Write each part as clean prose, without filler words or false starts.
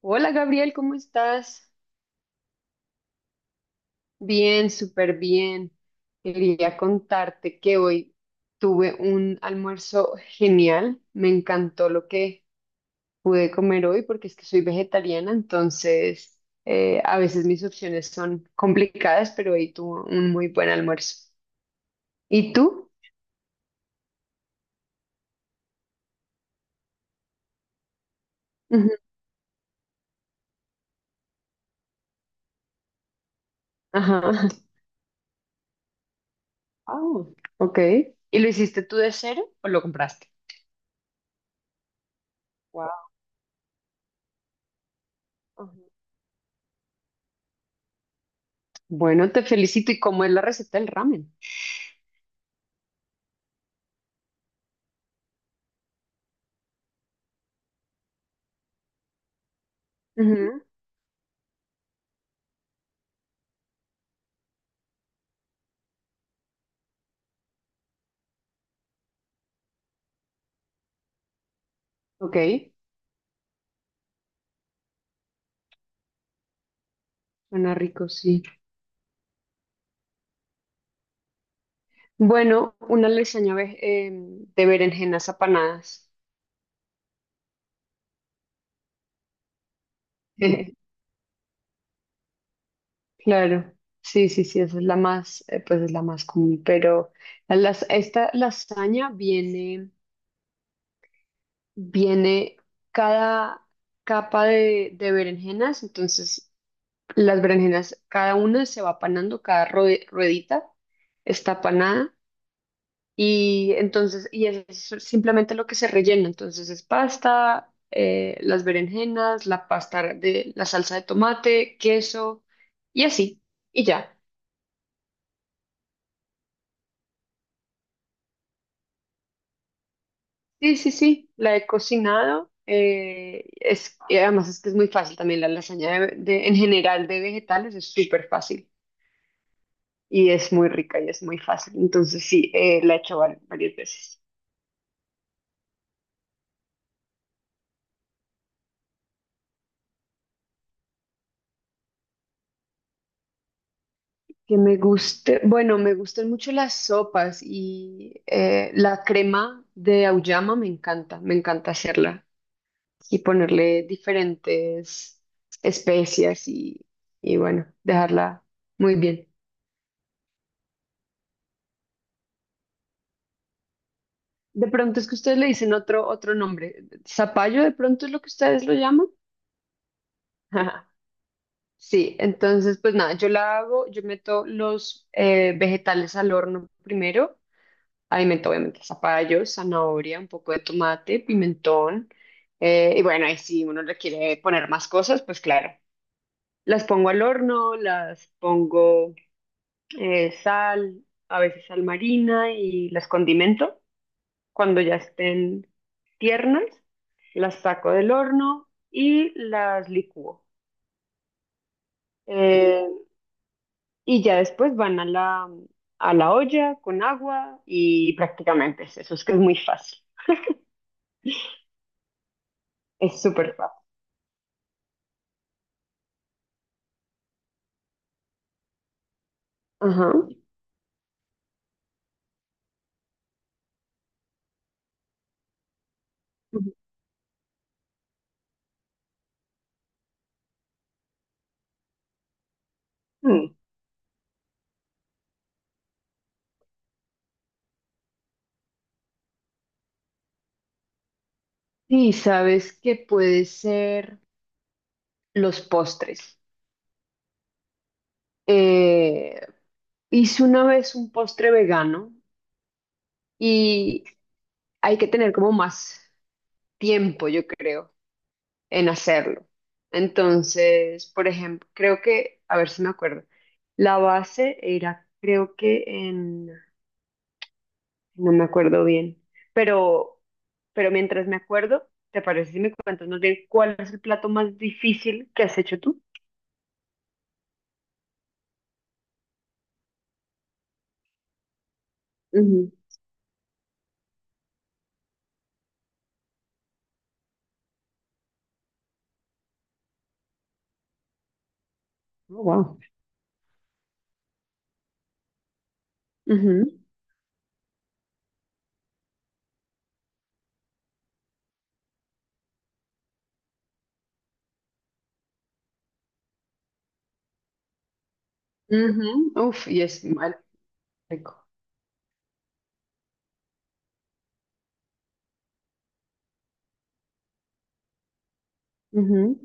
Hola Gabriel, ¿cómo estás? Bien, súper bien. Quería contarte que hoy tuve un almuerzo genial. Me encantó lo que pude comer hoy porque es que soy vegetariana, entonces a veces mis opciones son complicadas, pero hoy tuve un muy buen almuerzo. ¿Y tú? Ujú. Ajá. Ah, ok. ¿Y lo hiciste tú de cero o lo compraste? Wow. Bueno, te felicito. ¿Y cómo es la receta del ramen? Ujú. Ok. Suena rico, sí. Bueno, una de berenjenas apanadas. Claro, sí, sí, sí, esa es la más, pues es la más común, pero esta lasaña viene, viene cada capa de berenjenas, entonces las berenjenas, cada una se va panando, cada ruedita está panada. Y entonces, y es simplemente lo que se rellena. Entonces es pasta, las berenjenas, la pasta de la salsa de tomate, queso y así. Y ya. Sí, sí, sí, la he cocinado. Es, y además es que es muy fácil también la lasaña en general de vegetales es súper fácil y es muy rica y es muy fácil. Entonces sí, la he hecho varias veces. Que me guste, bueno, me gustan mucho las sopas y la crema de auyama me encanta hacerla y ponerle diferentes especias y bueno, dejarla muy bien. De pronto es que ustedes le dicen otro, otro nombre, zapallo de pronto es lo que ustedes lo llaman. Ajá. Sí, entonces pues nada, yo la hago, yo meto los vegetales al horno primero. Alimento, obviamente, zapallo, zanahoria, un poco de tomate, pimentón. Y bueno, ahí si uno le quiere poner más cosas, pues claro. Las pongo al horno, las pongo sal, a veces sal marina y las condimento. Cuando ya estén tiernas, las saco del horno y las licúo. Eh, y ya después van a a la olla con agua y prácticamente es eso, es que es muy fácil. Es súper fácil. Ajá. Ujú. Mm. Sí, sabes que puede ser los postres. Eh, Hice una vez un postre vegano y hay que tener como más tiempo, yo creo, en hacerlo. Entonces, por ejemplo, creo que, a ver si me acuerdo, la base era, creo que en, no me acuerdo bien, pero, pero mientras me acuerdo, ¿te parece si me cuentas más bien cuál es el plato más difícil que has hecho tú? Ujú. Oh, wow. Ujú, ujú. Uf, y es mal rico. Ujú,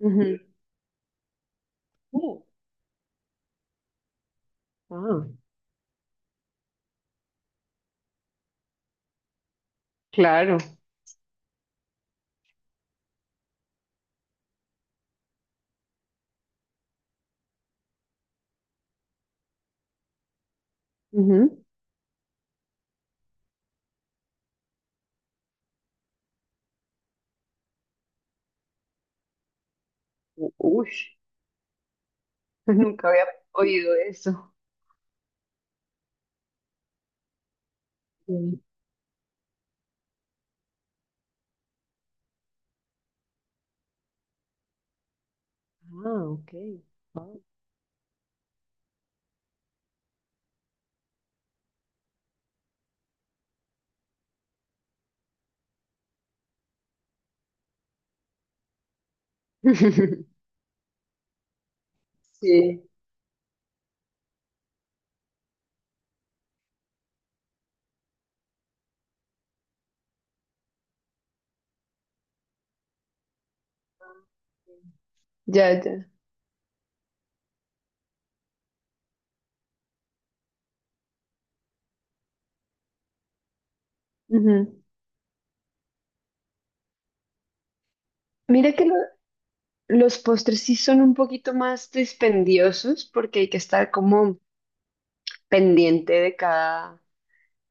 ujú. Oh, ah, claro. Ujú. U- Ush, nunca había oído eso. Sí. Ah, ok. Wow. Sí, ya, ya. Ujú. Mira que los postres sí son un poquito más dispendiosos porque hay que estar como pendiente de cada.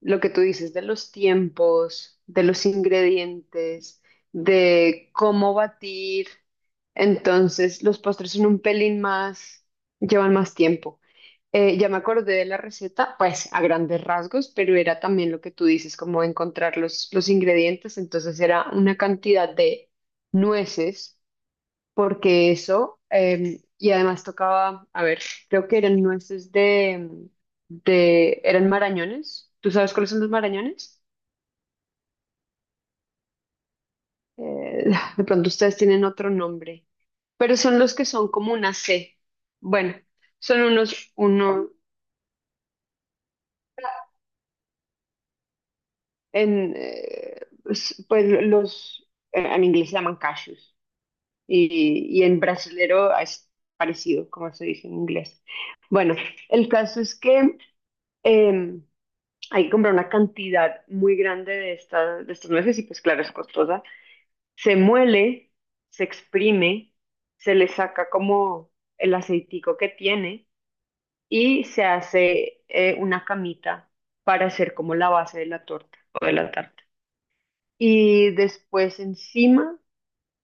Lo que tú dices de los tiempos, de los ingredientes, de cómo batir. Entonces, los postres son un pelín más, llevan más tiempo. Ya me acordé de la receta, pues a grandes rasgos, pero era también lo que tú dices, como encontrar los ingredientes. Entonces, era una cantidad de nueces porque eso, y además tocaba, a ver, creo que eran nueces eran marañones. ¿Tú sabes cuáles son los marañones? Eh, de pronto ustedes tienen otro nombre, pero son los que son como una C. Bueno, son unos, uno, en, pues pues, los, en inglés se llaman cashews y en brasilero es parecido, como se dice en inglés. Bueno, el caso es que em, hay que comprar una cantidad muy grande estas de estos nueces y pues claro, es costosa. Se muele, se exprime, se le saca como el aceitico que tiene y se hace una camita para hacer como la base de la torta o de la tarta. Y después encima,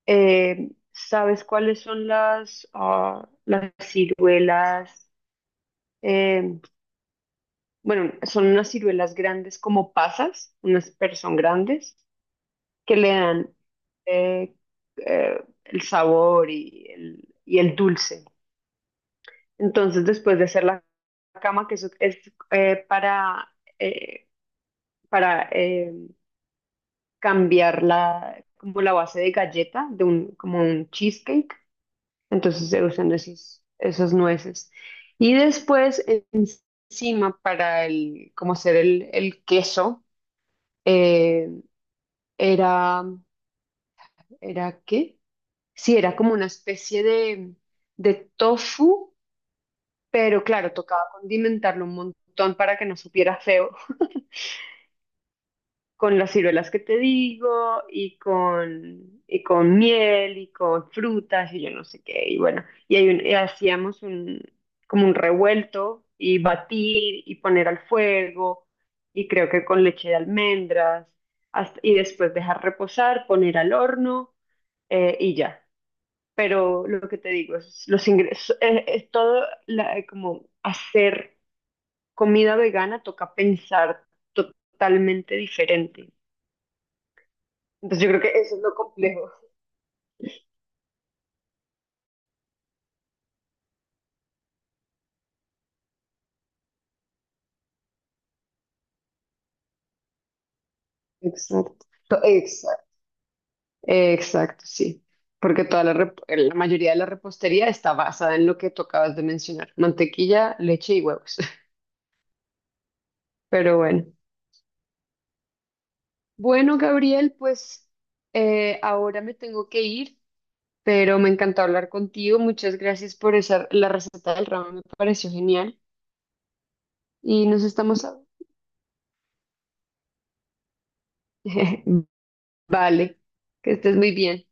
¿sabes cuáles son las, ah, las ciruelas? Eh, bueno, son unas ciruelas grandes como pasas, unas pero son grandes que le dan eh, el sabor y el dulce. Entonces, después de hacer la cama, que eso es eh, para, eh, para cambiar la, como la base de galleta, de un, como un cheesecake, entonces se usan esos, esos nueces. Y después, encima, para el, como hacer el queso, eh, era, ¿era qué? Sí, era como una especie de tofu, pero claro, tocaba condimentarlo un montón para que no supiera feo, con las ciruelas que te digo, y con miel, y con frutas, y yo no sé qué, y bueno, y, y hacíamos un, como un revuelto, y batir, y poner al fuego, y creo que con leche de almendras, y después dejar reposar, poner al horno, y ya. Pero lo que te digo es los ingresos, es como hacer comida vegana toca pensar totalmente diferente. Entonces yo creo que eso es lo complejo. Exacto, exacto, exacto, sí. Porque toda la mayoría de la repostería está basada en lo que tú acabas de mencionar, mantequilla, leche y huevos. Pero bueno. Bueno, Gabriel, pues ahora me tengo que ir. Pero me encantó hablar contigo. Muchas gracias por esa, la receta del ramen me pareció genial y nos estamos... a- Vale, que estés muy bien.